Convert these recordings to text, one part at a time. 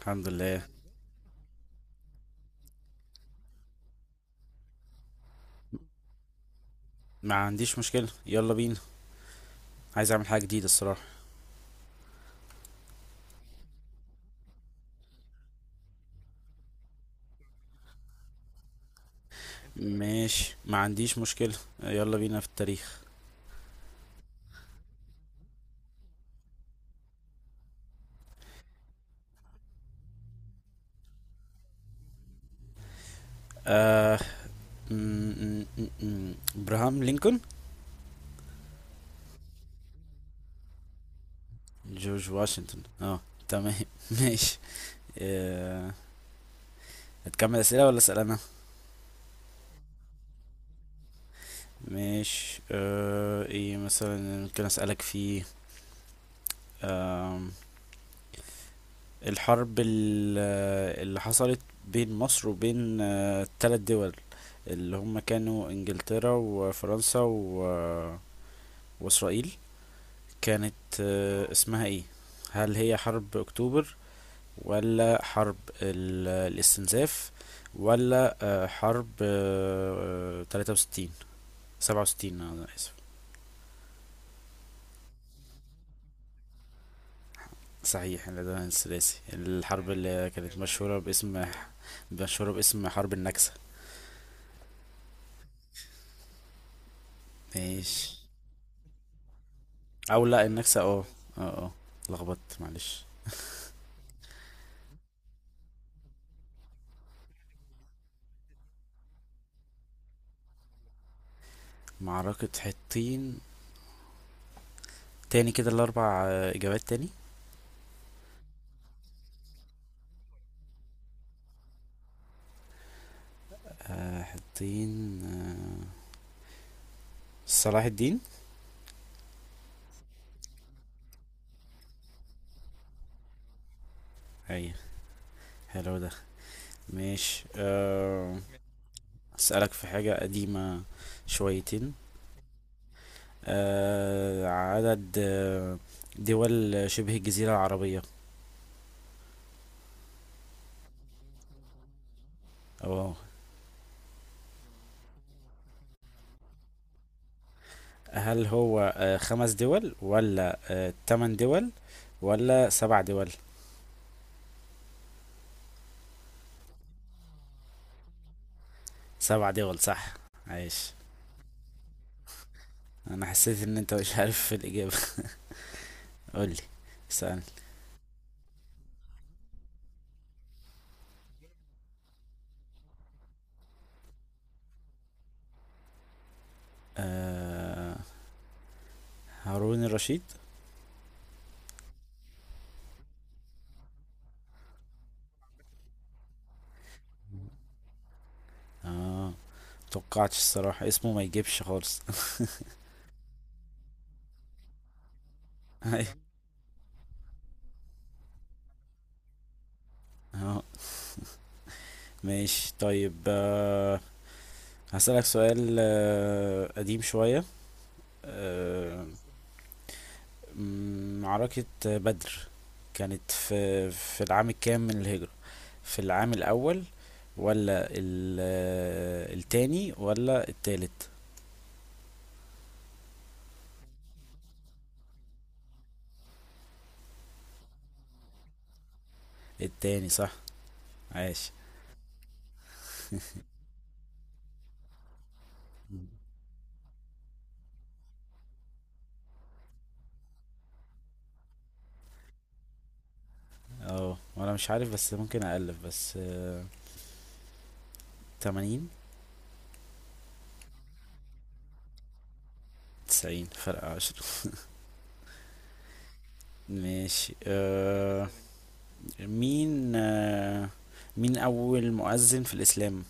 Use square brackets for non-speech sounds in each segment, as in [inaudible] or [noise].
الحمد لله. ما عنديش مشكلة، يلا بينا. عايز اعمل حاجة جديدة الصراحة. ماشي، ما عنديش مشكلة، يلا بينا في التاريخ. آه ابراهام لينكولن. جورج واشنطن اه. تمام. [laughs] ماشي. آه هتكمل اسئلة ولا اسأل انا؟ ماشي. ايه مثلا ممكن اسألك فيه؟ آم، الحرب اللي حصلت بين مصر وبين التلات دول اللي هم كانوا انجلترا وفرنسا واسرائيل، كانت اسمها ايه؟ هل هي حرب اكتوبر، ولا حرب الاستنزاف، ولا حرب 63، 67؟ انا اسف. صحيح إن ده الثلاثي الحرب اللي كانت مشهورة باسم حرب النكسة. ماشي، او لا، النكسة اه. اه اه. لخبطت معلش. معركة حطين. تاني كده الاربع اجابات تاني. حاطين. صلاح الدين. ايوه. حلو ده. ماشي. اسألك في حاجة قديمة شويتين. عدد دول شبه الجزيرة العربية. اه. هل هو خمس دول، ولا تمن دول، ولا سبع دول؟ سبع دول صح. عايش. انا حسيت ان انت مش عارف في الإجابة. [laughs] قولي، اسألني. آه هارون الرشيد. اه، متوقعتش الصراحة، اسمه ما يجيبش خالص. [laughs] اه. ماشي طيب. هسألك سؤال قديم شوية. آه، معركة بدر كانت في العام الكام من الهجرة؟ في العام الأول، ولا التاني، ولا التالت؟ التاني صح. عاش. اه، وانا مش عارف بس ممكن أألف، بس 80. 90، فرق 10. ماشي أه. مين مين أول مؤذن في الإسلام؟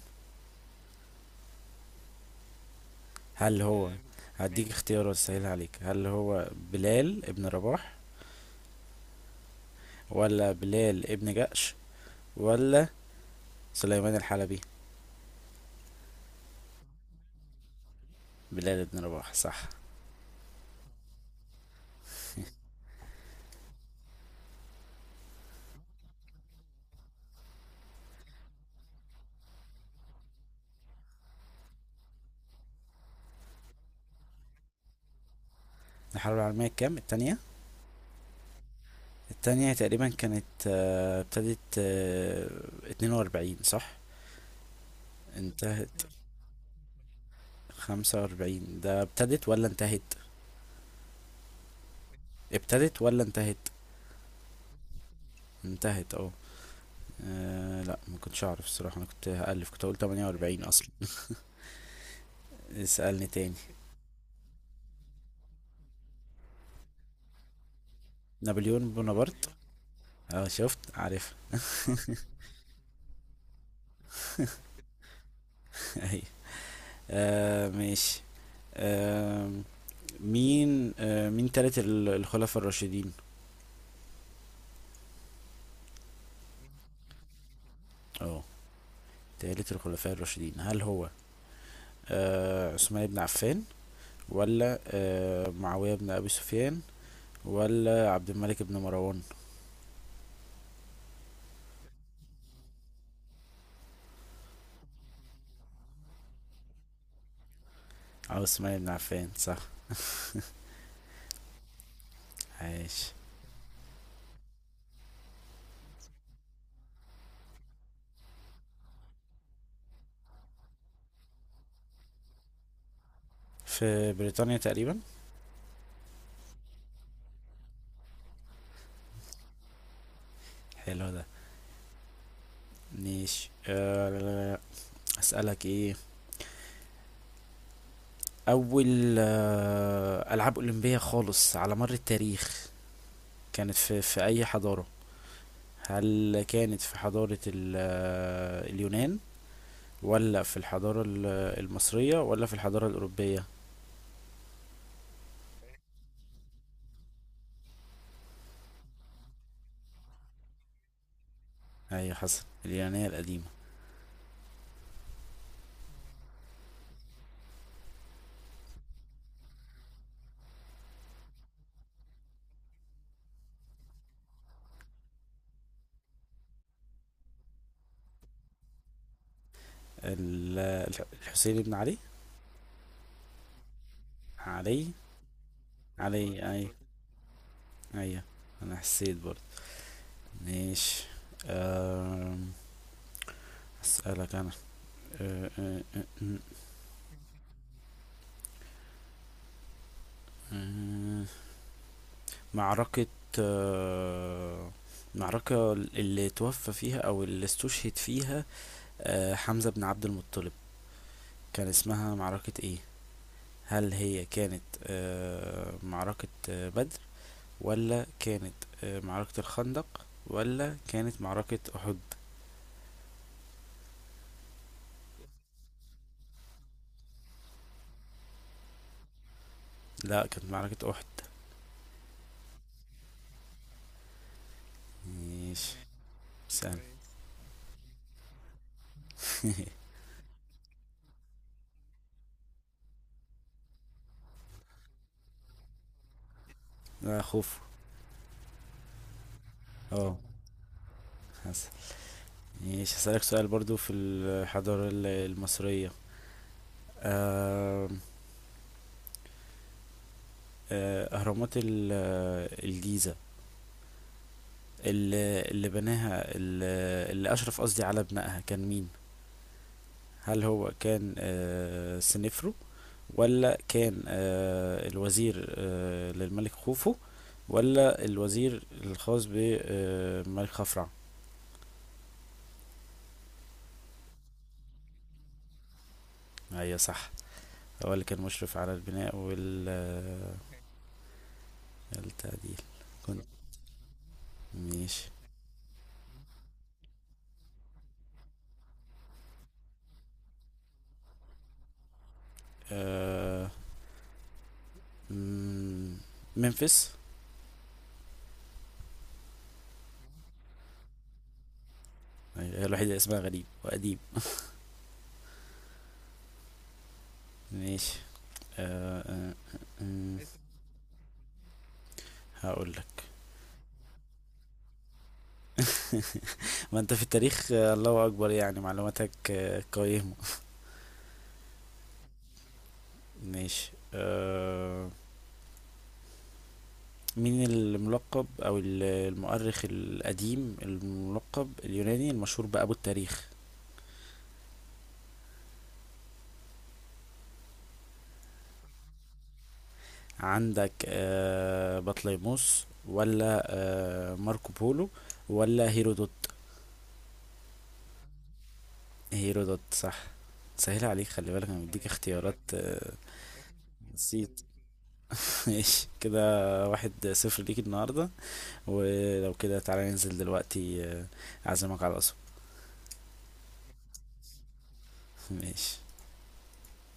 هل هو، هديك اختيارات سهلة عليك، هل هو بلال ابن رباح، ولا بلال ابن جأش، ولا سليمان الحلبي؟ بلال ابن رباح صح. الحرب العالمية الكام، التانية؟ التانية تقريبا كانت، ابتدت 42 صح. انتهت 45، ده ابتدت ولا انتهت؟ ابتدت ولا انتهت؟ انتهت اه. لا، ما كنتش اعرف الصراحه، انا كنت هالف، كنت هقول 48 اصلا. اسالني تاني. نابليون بونابرت. اه شفت، عارف. [laughs] ايوه. ماشي. آه مين مين تالت الخلفاء الراشدين؟ اه. تالت الخلفاء الراشدين، هل هو عثمان بن عفان، ولا معاويه بن ابي سفيان، ولا عبد الملك بن مروان؟ اه، عثمان بن عفان صح. عايش. في بريطانيا تقريبا. حلو ده. ماشي. أسألك ايه. أول ألعاب أولمبية خالص على مر التاريخ كانت في أي حضارة؟ هل كانت في حضارة اليونان، ولا في الحضارة المصرية، ولا في الحضارة الأوروبية؟ أيوة، حسن. اليونانية القديمة. الحسين بن علي. علي. علي أي. أيوة، أنا حسيت برضه. ماشي. أم، أسألك أنا. أه، أه، أه، أه، أه. معركة، آه، اللي توفى فيها أو اللي استشهد فيها حمزة بن عبد المطلب، كان اسمها معركة ايه؟ هل هي كانت معركة بدر، ولا كانت معركة الخندق، ولا كانت معركة أحد؟ لا، كانت معركة أحد. ماشي. سأل [laughs] لا، خوف. اه، حسن. ماشي هسألك سؤال برضو في الحضارة المصرية. آه اهرامات الجيزة، اللي بناها، اللي اشرف، قصدي، على بنائها كان مين؟ هل هو كان سنفرو، ولا كان الوزير للملك خوفو، ولا الوزير الخاص بالملك خفرع؟ ايوه صح. هو اللي كان مشرف على البناء والتعديل. كنت. ماشي. آه، مم، ممفيس. أيوة، هي الوحيدة اللي اسمها غريب وقديم. ماشي. آه، آه، آه، هقول لك. ما انت في التاريخ الله اكبر، يعني معلوماتك قيمة. ماشي. مين الملقب، او المؤرخ القديم الملقب، اليوناني المشهور بأبو التاريخ؟ عندك بطليموس، ولا ماركو بولو، ولا هيرودوت؟ هيرودوت صح. سهل عليك، خلي بالك انا بديك اختيارات. نسيت. [laughs] ماشي كده. 1-0 ليك النهاردة. ولو كده تعالى ننزل دلوقتي، اعزمك على القصب. ماشي.